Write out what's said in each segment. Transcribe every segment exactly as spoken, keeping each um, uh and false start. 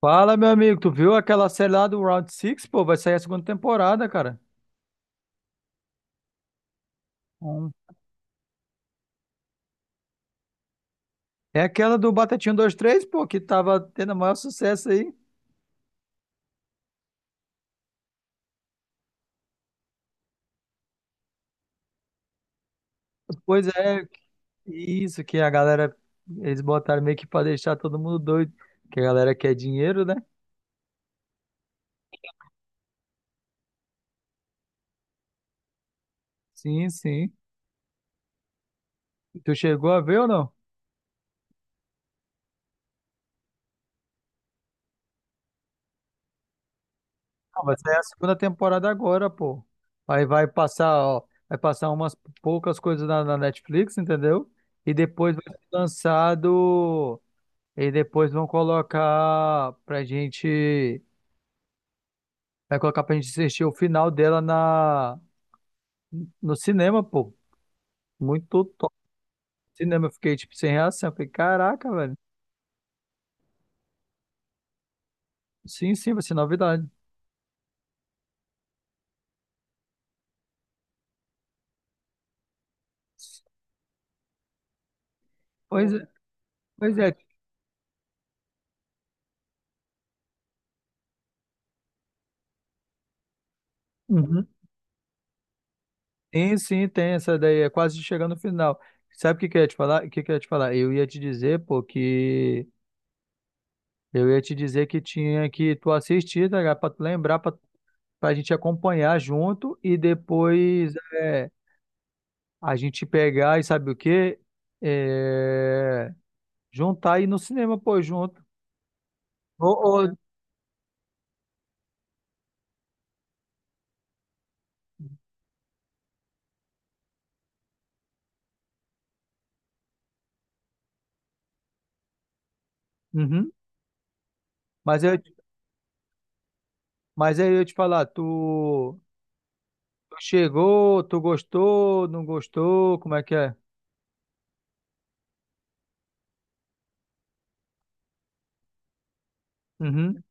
Fala, meu amigo, tu viu aquela série lá do Round Six, pô? Vai sair a segunda temporada, cara. Bom, é aquela do Batatinha dois três, pô, que tava tendo o maior sucesso aí. Pois é, isso que a galera, eles botaram meio que pra deixar todo mundo doido, que a galera quer dinheiro, né? Sim, sim. Tu chegou a ver ou não? Ah, vai sair a segunda temporada agora, pô. Aí vai passar, ó, vai passar umas poucas coisas na, na Netflix, entendeu? E depois vai ser lançado. E depois vão colocar pra gente. Vai colocar pra gente assistir o final dela na, no cinema, pô. Muito top. Cinema, eu fiquei tipo sem reação. Eu falei, caraca, velho. Sim, sim, vai ser novidade. Pois é, pois é. Uhum. Sim, sim, tem essa daí. É quase chegando no final. Sabe o que que eu ia te falar? O que que eu ia te falar? Eu ia te dizer, pô, que. Eu ia te dizer que tinha que tu assistir, tá ligado? Pra tu lembrar, pra, pra gente acompanhar junto e depois. é, A gente pegar e sabe o quê? É, juntar e ir no cinema, pô, junto. Ô, ô, uhum. Mas eu, mas aí eu ia te falar, tu, tu chegou, tu gostou, não gostou, como é que é? Uhum,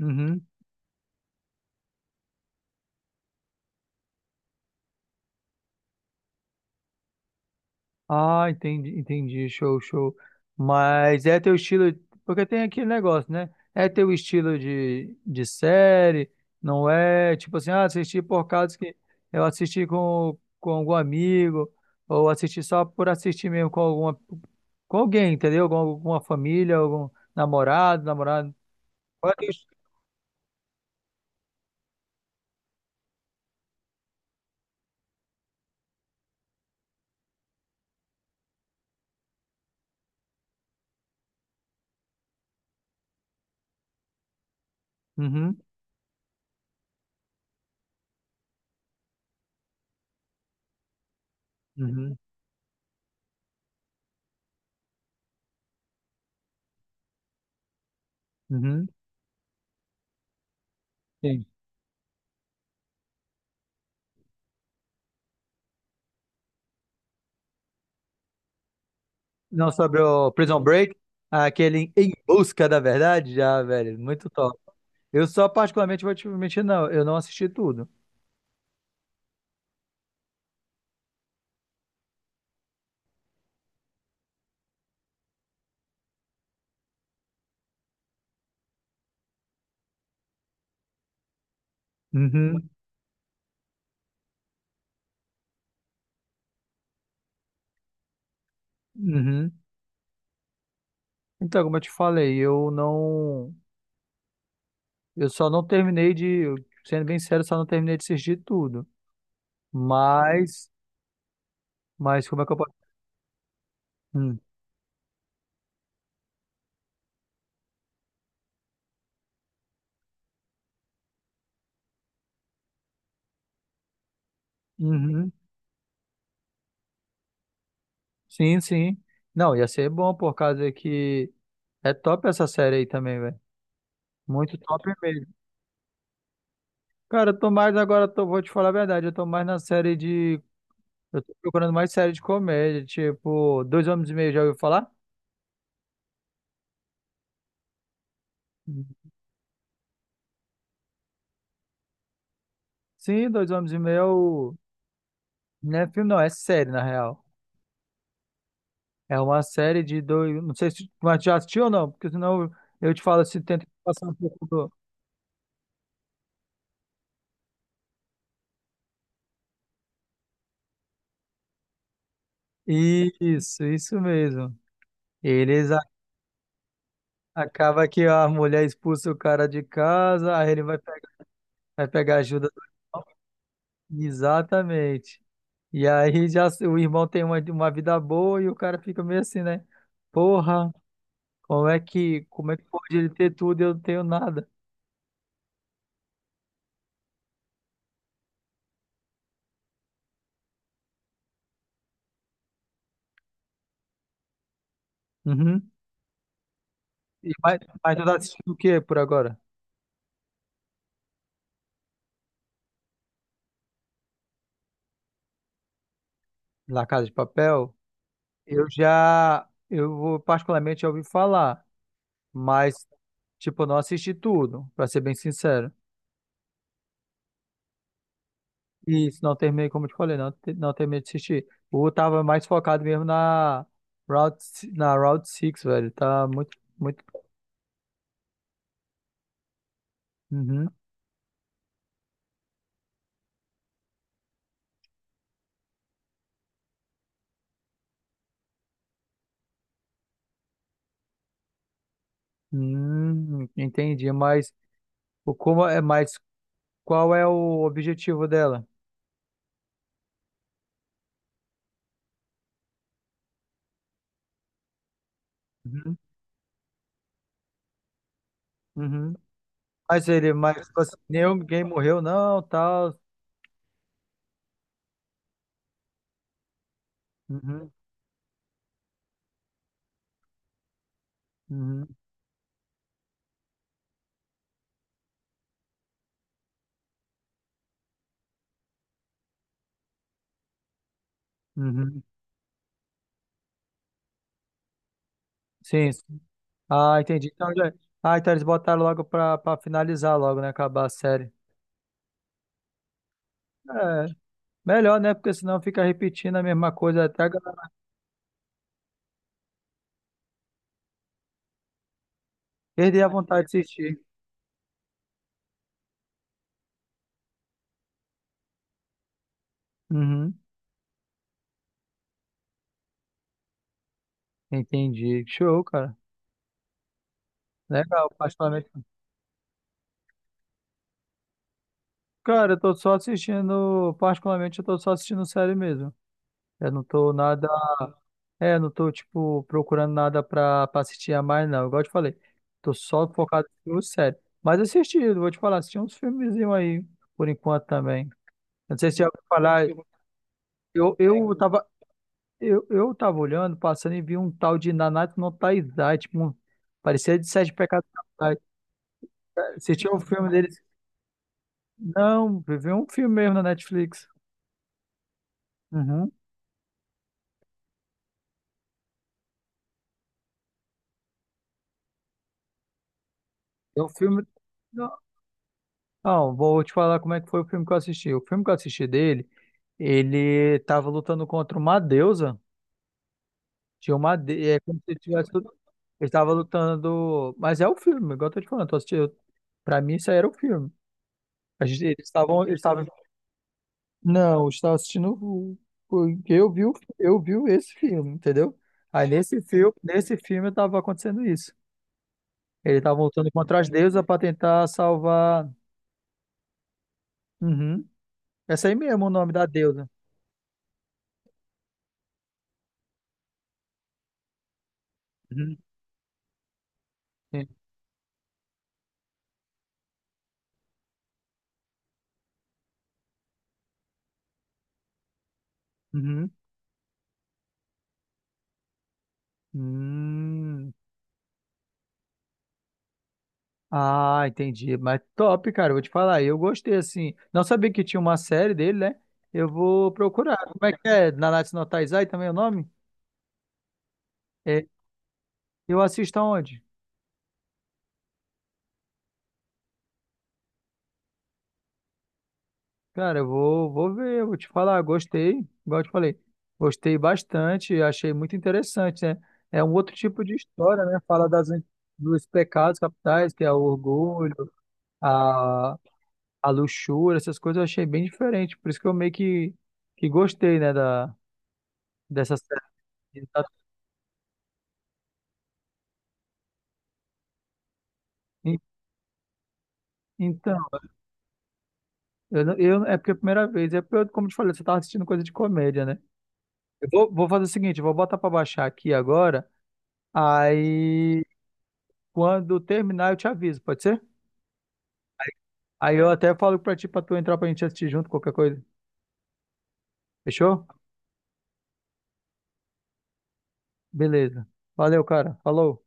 uhum. Ah, entendi, entendi, show, show. Mas é teu estilo, porque tem aquele negócio, né? É teu estilo de, de série, não é tipo assim, ah, assisti por causa que eu assisti com, com algum amigo, ou assisti só por assistir mesmo com alguma, com alguém, entendeu? Com alguma família, algum namorado, namorado. Qual é teu est- Uhum, uhum, uhum, entendi. Não, sobre o Prison Break, aquele Em Busca da Verdade, já, velho, muito top. Eu só particularmente vou te mentir, não, eu não assisti tudo. Uhum, uhum. Então, como eu te falei, eu não, eu só não terminei de, sendo bem sério, só não terminei de assistir tudo. Mas, mas como é que eu posso? Hum, Uhum. Sim, sim. Não, ia ser bom por causa que é top essa série aí também, velho. Muito top mesmo. Cara, eu tô mais agora, tô, vou te falar a verdade, eu tô mais na série de eu tô procurando mais série de comédia, tipo, Dois Homens e Meio, já ouviu falar? Sim, Dois Homens e Meio é o... Não é filme, não, é série, na real. É uma série de dois... Não sei se tu já assistiu ou não, porque senão eu te falo se tenta passar um pouco do... Isso, isso mesmo. Eles... a- acaba que a mulher expulsa o cara de casa, aí ele vai, pe- vai pegar ajuda do irmão. Exatamente. E aí já s- o irmão tem uma, uma vida boa e o cara fica meio assim, né? Porra, como é que, como é que pode ele ter tudo e eu não tenho nada? Uhum. E, mas, mas tu tá assistindo o que por agora? La Casa de Papel? Eu já, eu vou- particularmente já ouvi falar, mas, tipo, eu não assisti tudo, pra ser bem sincero. E isso, não terminei, como eu te falei, não, te- não terminei de assistir. O tava mais focado mesmo na Route, si- na Route seis, velho. Tá muito, muito. Uhum. Hum, entendi, mas o como é, mas qual é o objetivo dela? Uhum. Uhum. Mas ele, mas tipo assim, ninguém morreu, não, tal. Uhum, uhum, uhum. Sim, sim. Ah, entendi. Então, já- ah, então eles botaram logo pra, pra finalizar logo, né? Acabar a série. É, melhor, né? Porque senão fica repetindo a mesma coisa até a galera perder a vontade de assistir. Uhum, entendi. Show, cara. Legal, particularmente. Cara, eu tô só assistindo, particularmente eu tô só assistindo série mesmo. Eu não tô nada. É, não tô, tipo, procurando nada pra, pra assistir a mais, não. Igual eu te falei, tô só focado em filme sério. Mas assisti, eu vou te falar, assisti uns filmezinhos aí, por enquanto também. Não sei se já ouviu falar, eu, eu tava, eu, eu tava olhando, passando e vi um tal de Nanatsu no Taizai, tipo, um, parecia de Sete Pecados Capitais. Assisti um filme deles, não, vi um filme mesmo na Netflix. Uhum. É um filme. Não, vou te falar como é que foi o filme que eu assisti. O filme que eu assisti dele, ele tava lutando contra uma deusa. Tinha uma de... É como se tivesse... Ele estava lutando... Mas é o filme, igual eu tô te falando. Eu tô assistindo... Pra mim, isso aí era o filme. A gente... Eles estavam... Eles estavam... Não, eu estava assistindo... o- porque eu vi, o- eu vi esse filme, entendeu? Aí nesse filme, nesse filme estava acontecendo isso. Ele estava lutando contra as deusas para tentar salvar... Uhum. Essa aí mesmo é o nome da deusa. Uhum. Sim. Uhum. Hum, ah, entendi. Mas top, cara. Eu vou te falar. Eu gostei, assim. Não sabia que tinha uma série dele, né? Eu vou procurar. Como é que é? Nanatsu no Taizai também é o nome? É, eu assisto aonde? Cara, eu vou, vou ver. Eu vou te falar. Gostei. Igual eu te falei. Gostei bastante. Achei muito interessante, né? É um outro tipo de história, né? Fala das, dos pecados capitais, que é o orgulho, a, a luxúria, essas coisas eu achei bem diferente. Por isso que eu meio que, que gostei, né? Dessa série. Que tá? En- então, eu, não- eu- é porque é a primeira vez. É porque, eu, como eu te falei, você tava assistindo coisa de comédia, né? Eu vou, vou fazer o seguinte, eu vou botar pra baixar aqui agora. Aí, quando terminar, eu te aviso, pode ser? Aí eu até falo pra ti, pra tu entrar pra gente assistir junto, qualquer coisa. Fechou? Beleza. Valeu, cara. Falou.